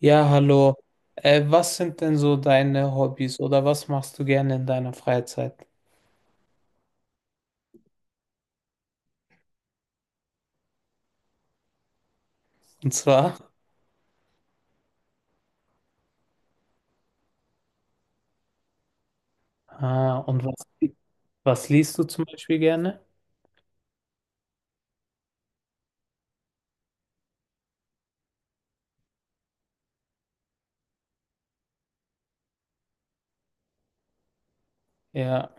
Ja, hallo. Was sind denn so deine Hobbys oder was machst du gerne in deiner Freizeit? Und zwar, ah, und was, was liest du zum Beispiel gerne? Ja,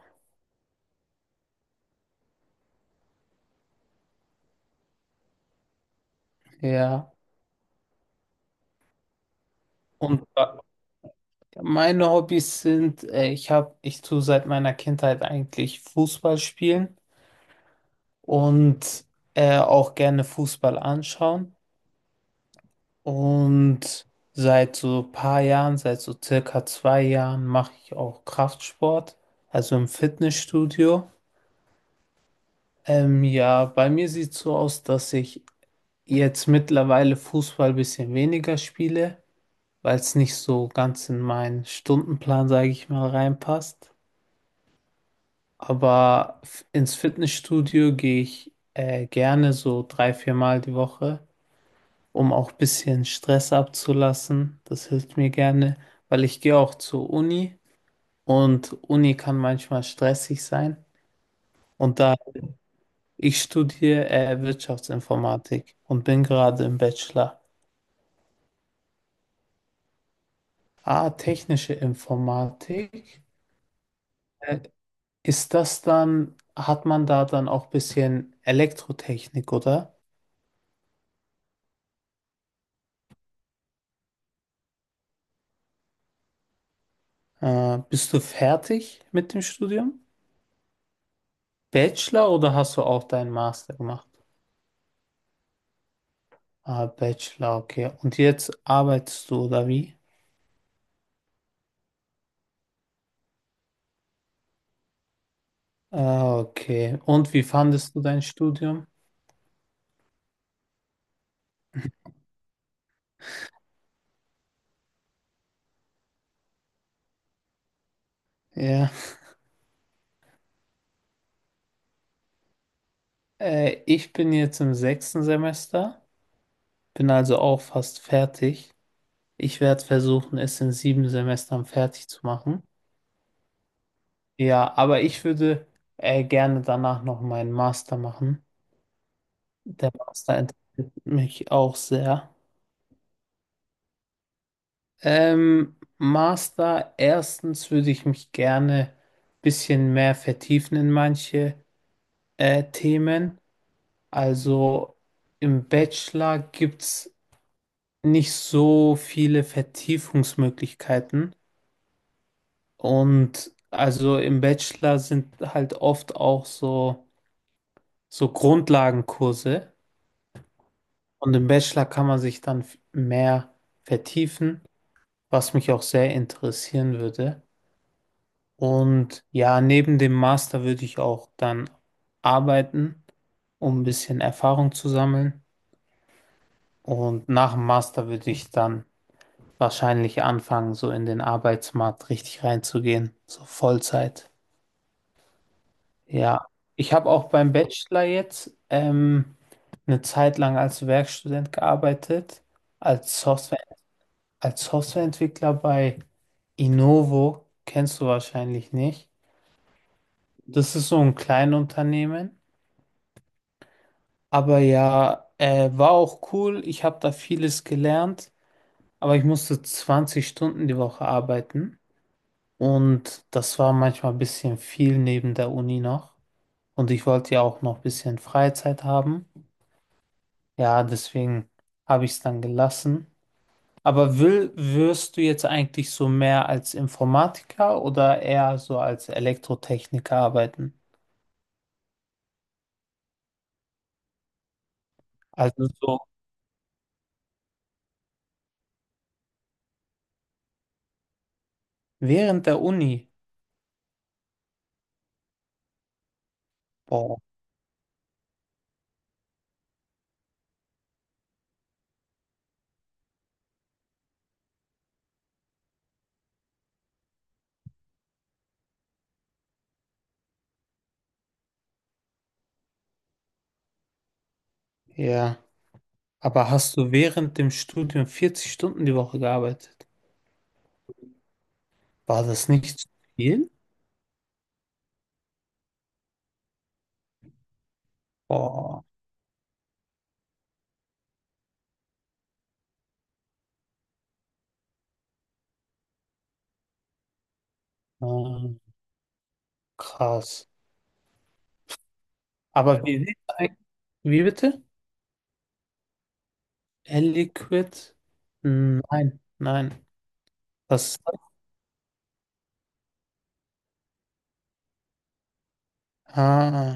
ja. Und meine Hobbys sind, ich tue seit meiner Kindheit eigentlich Fußball spielen und auch gerne Fußball anschauen. Und seit so ein paar Jahren, seit so circa 2 Jahren, mache ich auch Kraftsport, also im Fitnessstudio. Ja, bei mir sieht es so aus, dass ich jetzt mittlerweile Fußball ein bisschen weniger spiele, weil es nicht so ganz in meinen Stundenplan, sage ich mal, reinpasst. Aber ins Fitnessstudio gehe ich gerne so 3, 4 Mal die Woche, um auch ein bisschen Stress abzulassen. Das hilft mir gerne, weil ich gehe auch zur Uni und Uni kann manchmal stressig sein. Und da Ich studiere Wirtschaftsinformatik und bin gerade im Bachelor. Ah, technische Informatik. Äh, hat man da dann auch ein bisschen Elektrotechnik, oder? Bist du fertig mit dem Studium? Bachelor oder hast du auch deinen Master gemacht? Ah, Bachelor, okay. Und jetzt arbeitest du, oder wie? Ah, okay. Und wie fandest du dein Studium? Ja. Ich bin jetzt im 6. Semester. Bin also auch fast fertig. Ich werde versuchen, es in 7 Semestern fertig zu machen. Ja, aber ich würde gerne danach noch meinen Master machen. Der Master interessiert mich auch sehr. Master, erstens würde ich mich gerne ein bisschen mehr vertiefen in manche Themen. Also im Bachelor gibt es nicht so viele Vertiefungsmöglichkeiten. Und also im Bachelor sind halt oft auch so, so Grundlagenkurse. Und im Bachelor kann man sich dann mehr vertiefen, was mich auch sehr interessieren würde. Und ja, neben dem Master würde ich auch dann arbeiten, um ein bisschen Erfahrung zu sammeln. Und nach dem Master würde ich dann wahrscheinlich anfangen, so in den Arbeitsmarkt richtig reinzugehen, so Vollzeit. Ja, ich habe auch beim Bachelor jetzt eine Zeit lang als Werkstudent gearbeitet, als Software, als Softwareentwickler bei Innovo, kennst du wahrscheinlich nicht. Das ist so ein Kleinunternehmen, aber ja, war auch cool. Ich habe da vieles gelernt, aber ich musste 20 Stunden die Woche arbeiten und das war manchmal ein bisschen viel neben der Uni noch. Und ich wollte ja auch noch ein bisschen Freizeit haben. Ja, deswegen habe ich es dann gelassen. Aber wirst du jetzt eigentlich so mehr als Informatiker oder eher so als Elektrotechniker arbeiten? Also so während der Uni. Boah, ja. Aber hast du während dem Studium 40 Stunden die Woche gearbeitet? War das nicht zu viel? Boah, ähm, krass. Aber wie, sieht's eigentlich- Wie bitte? L-Liquid? Nein, nein. Was? Ah,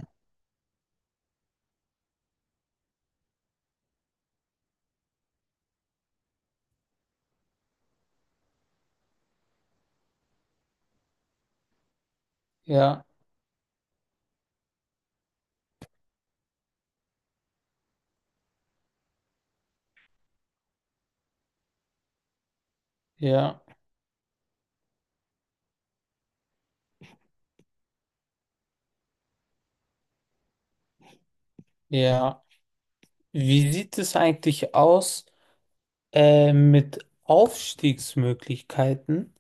ja. Ja, ja. Wie sieht es eigentlich aus mit Aufstiegsmöglichkeiten?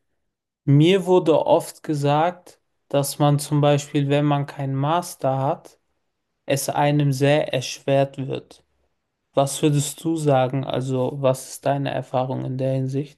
Mir wurde oft gesagt, dass man zum Beispiel, wenn man keinen Master hat, es einem sehr erschwert wird. Was würdest du sagen? Also, was ist deine Erfahrung in der Hinsicht?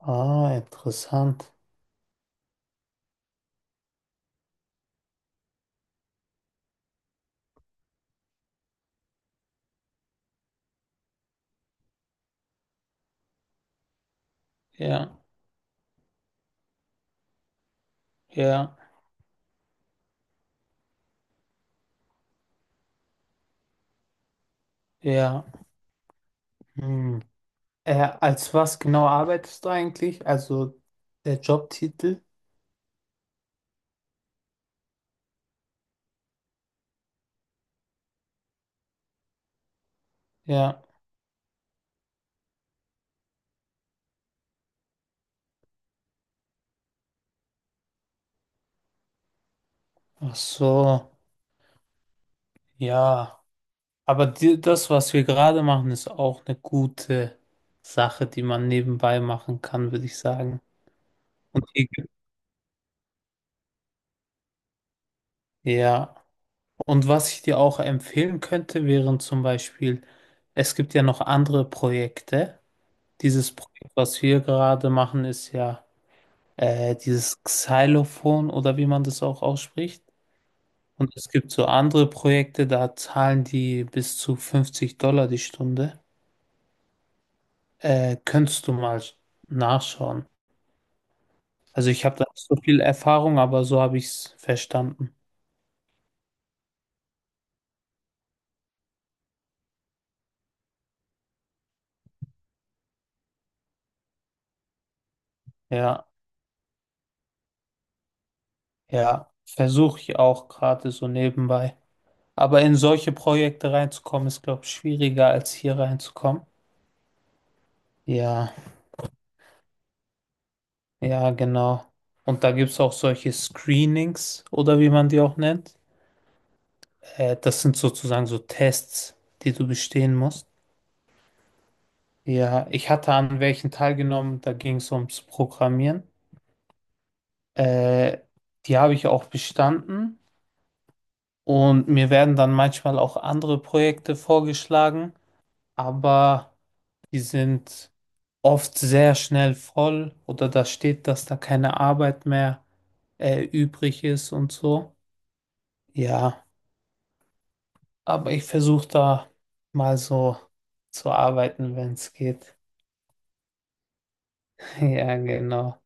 Ah, interessant. Ja, ja, ja. Hm. Äh, als was genau arbeitest du eigentlich? Also der Jobtitel? Ja. Ach so. Ja, aber die, das, was wir gerade machen, ist auch eine gute Sache, die man nebenbei machen kann, würde ich sagen. Und die- ja, und was ich dir auch empfehlen könnte, wären zum Beispiel, es gibt ja noch andere Projekte. Dieses Projekt, was wir gerade machen, ist ja dieses Xylophon oder wie man das auch ausspricht. Und es gibt so andere Projekte, da zahlen die bis zu $50 die Stunde. Könntest du mal nachschauen. Also ich habe da nicht so viel Erfahrung, aber so habe ich es verstanden. Ja, ja, versuche ich auch gerade so nebenbei. Aber in solche Projekte reinzukommen, ist, glaube ich, schwieriger als hier reinzukommen. Ja, ja, genau. Und da gibt es auch solche Screenings oder wie man die auch nennt. Das sind sozusagen so Tests, die du bestehen musst. Ja, ich hatte an welchen teilgenommen, da ging es ums Programmieren. Äh, die habe ich auch bestanden. Und mir werden dann manchmal auch andere Projekte vorgeschlagen, aber die sind oft sehr schnell voll oder da steht, dass da keine Arbeit mehr übrig ist und so. Ja, aber ich versuche da mal so zu arbeiten, wenn es geht. Ja, genau.